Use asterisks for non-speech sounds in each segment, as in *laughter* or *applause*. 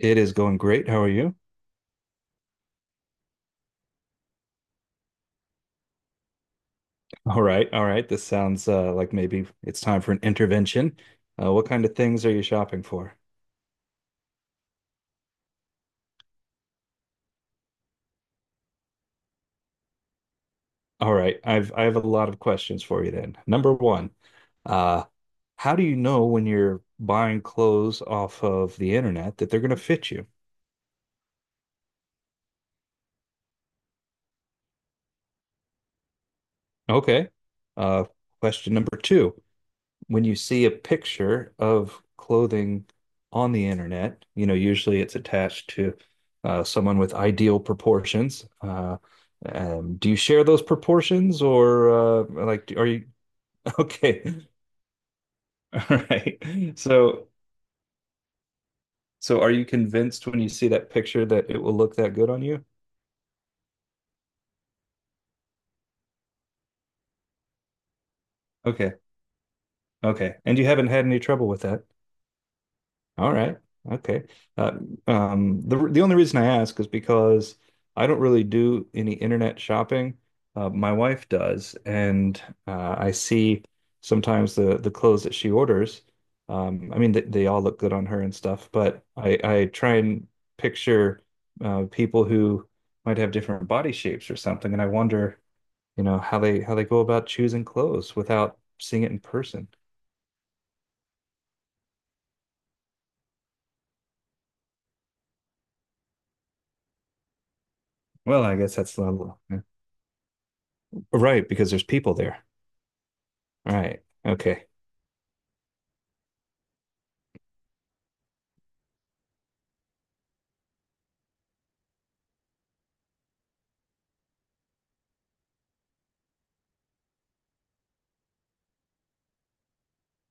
It is going great. How are you? *laughs* All right, all right. This sounds like maybe it's time for an intervention. What kind of things are you shopping for? All right, I have a lot of questions for you then. Number one, uh, how do you know when you're buying clothes off of the internet that they're going to fit you? Okay. Uh, Question number two, when you see a picture of clothing on the internet, usually it's attached to someone with ideal proportions. Do you share those proportions or like are you *laughs* okay? *laughs* All right. So so are you convinced when you see that picture that it will look that good on you? Okay. Okay. And you haven't had any trouble with that? All right. Okay. Uh, the only reason I ask is because I don't really do any internet shopping. My wife does, and I see sometimes the clothes that she orders. I mean, they all look good on her and stuff, but I try and picture people who might have different body shapes or something, and I wonder, how they go about choosing clothes without seeing it in person. Well, I guess that's level. Right, because there's people there. All right. Okay.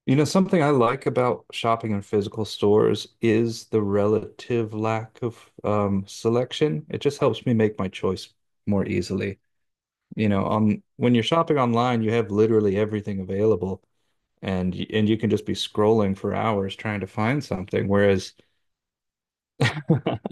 You know, something I like about shopping in physical stores is the relative lack of selection. It just helps me make my choice more easily. On when you're shopping online, you have literally everything available, and and you can just be scrolling for hours trying to find something. Whereas, *laughs*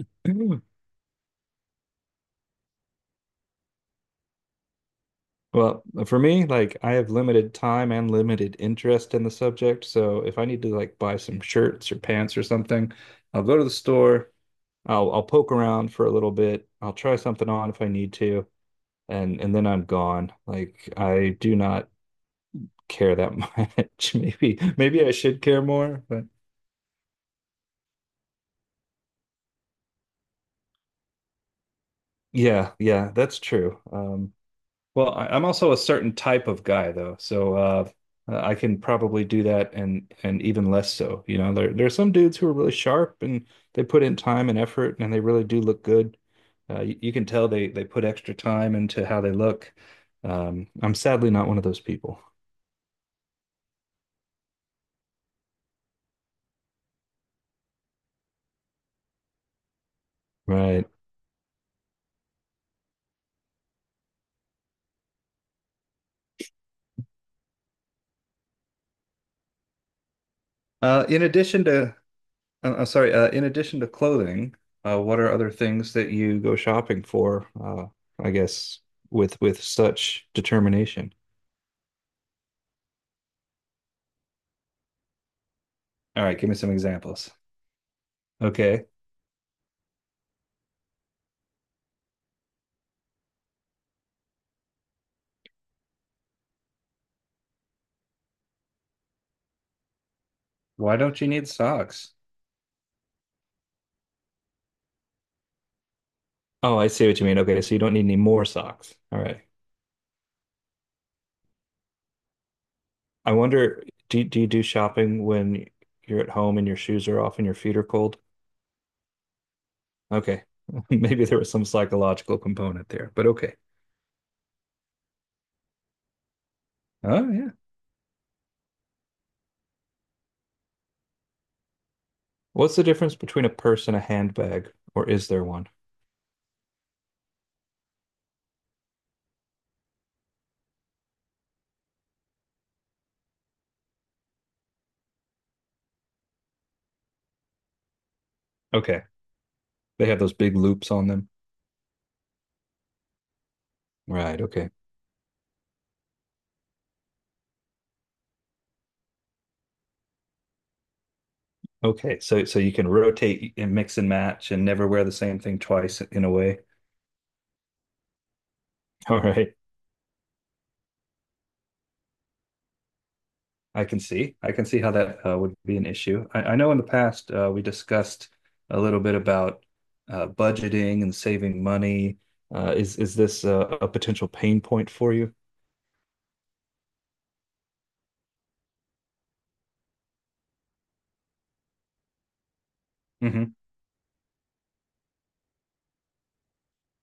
well, for me, like I have limited time and limited interest in the subject. So if I need to like buy some shirts or pants or something, I'll go to the store. I'll poke around for a little bit. I'll try something on if I need to, and then I'm gone. Like I do not care that much. *laughs* Maybe I should care more, but yeah, yeah, that's true. Well, I'm also a certain type of guy though, so I can probably do that and even less so. You know, there are some dudes who are really sharp and they put in time and effort and they really do look good. You can tell they put extra time into how they look. I'm sadly not one of those people. Right. Uh, in addition to, I'm sorry, in addition to clothing, what are other things that you go shopping for? I guess with such determination. All right, give me some examples. Okay. Why don't you need socks? Oh, I see what you mean. Okay, so you don't need any more socks. All right. I wonder, do you do shopping when you're at home and your shoes are off and your feet are cold? Okay. *laughs* Maybe there was some psychological component there, but okay. Oh, yeah. What's the difference between a purse and a handbag, or is there one? Okay. They have those big loops on them. Right. Okay. Okay. So you can rotate and mix and match and never wear the same thing twice in a way. *laughs* All right. I can see. I can see how that would be an issue. I know in the past we discussed a little bit about budgeting and saving money. Is this a potential pain point for you? Hmm.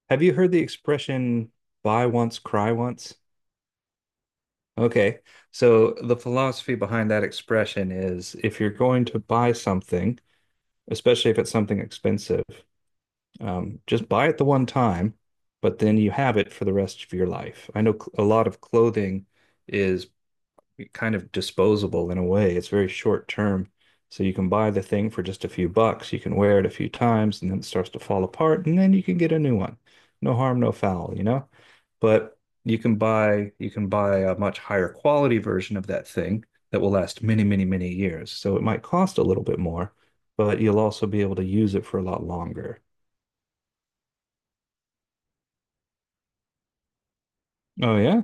Have you heard the expression buy once, cry once? Okay. So the philosophy behind that expression is if you're going to buy something, especially if it's something expensive. Just buy it the one time, but then you have it for the rest of your life. I know a lot of clothing is kind of disposable in a way. It's very short term. So you can buy the thing for just a few bucks. You can wear it a few times and then it starts to fall apart and then you can get a new one. No harm, no foul, you know? But you can buy a much higher quality version of that thing that will last many, many, many years. So it might cost a little bit more, but you'll also be able to use it for a lot longer. Oh yeah.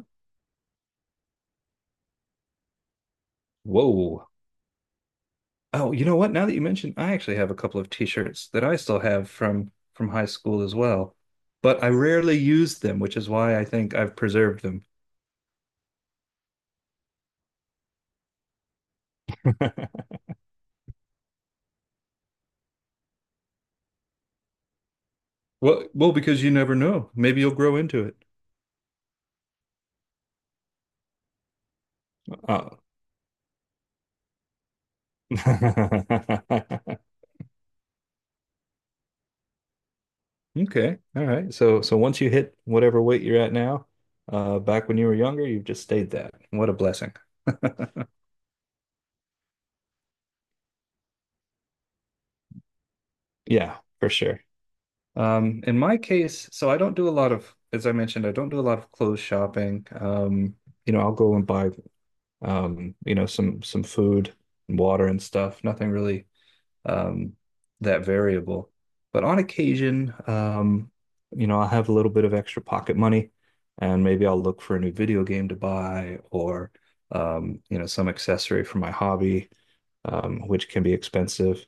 Whoa. Oh, you know what? Now that you mention, I actually have a couple of t-shirts that I still have from high school as well, but I rarely use them, which is why I think I've preserved them. *laughs* Well, well, because you never know. Maybe you'll grow into it. Oh. *laughs* Okay. All right. So once you hit whatever weight you're at now, back when you were younger, you've just stayed that. What a blessing. *laughs* Yeah, for sure. In my case, so I don't do a lot of, as I mentioned, I don't do a lot of clothes shopping. You know, I'll go and buy, you know, some food and water and stuff. Nothing really, um, that variable. But on occasion, you know, I'll have a little bit of extra pocket money, and maybe I'll look for a new video game to buy or, you know, some accessory for my hobby, which can be expensive.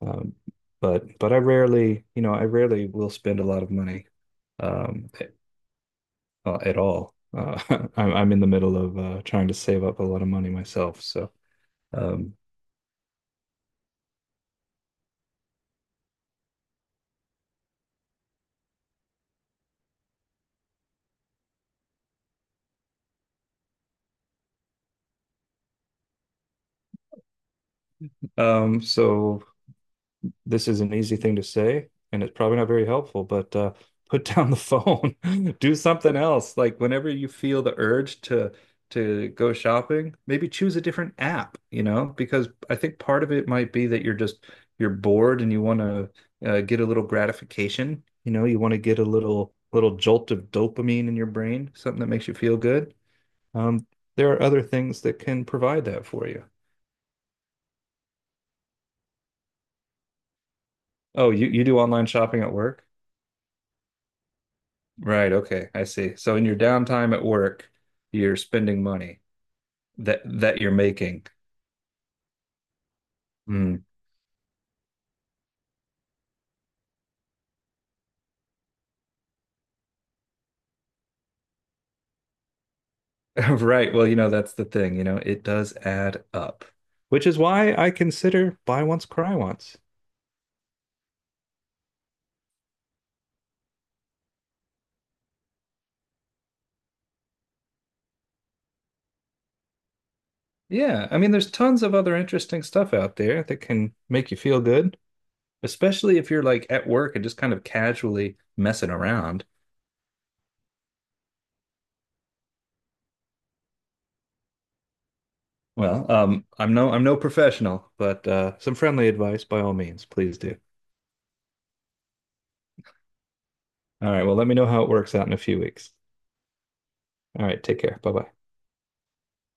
Um, but I rarely, you know, I rarely will spend a lot of money um, at, at all. *laughs* I'm in the middle of trying to save up a lot of money myself. Um, so this is an easy thing to say, and it's probably not very helpful, but *laughs* put down the phone, *laughs* do something else. Like whenever you feel the urge to go shopping, maybe choose a different app, you know, because I think part of it might be that you're just you're bored and you want to get a little gratification, you know, you want to get a little jolt of dopamine in your brain, something that makes you feel good. Um, there are other things that can provide that for you. Oh, you do online shopping at work? Right, okay, I see. So in your downtime at work, you're spending money that you're making. Hmm. *laughs* Right. Well, you know, that's the thing, you know, it does add up. Which is why I consider buy once, cry once. Yeah, I mean, there's tons of other interesting stuff out there that can make you feel good, especially if you're like at work and just kind of casually messing around. Well, I'm no professional, but some friendly advice by all means, please do. All right, well, let me know how it works out in a few weeks. All right. Take care. Bye bye.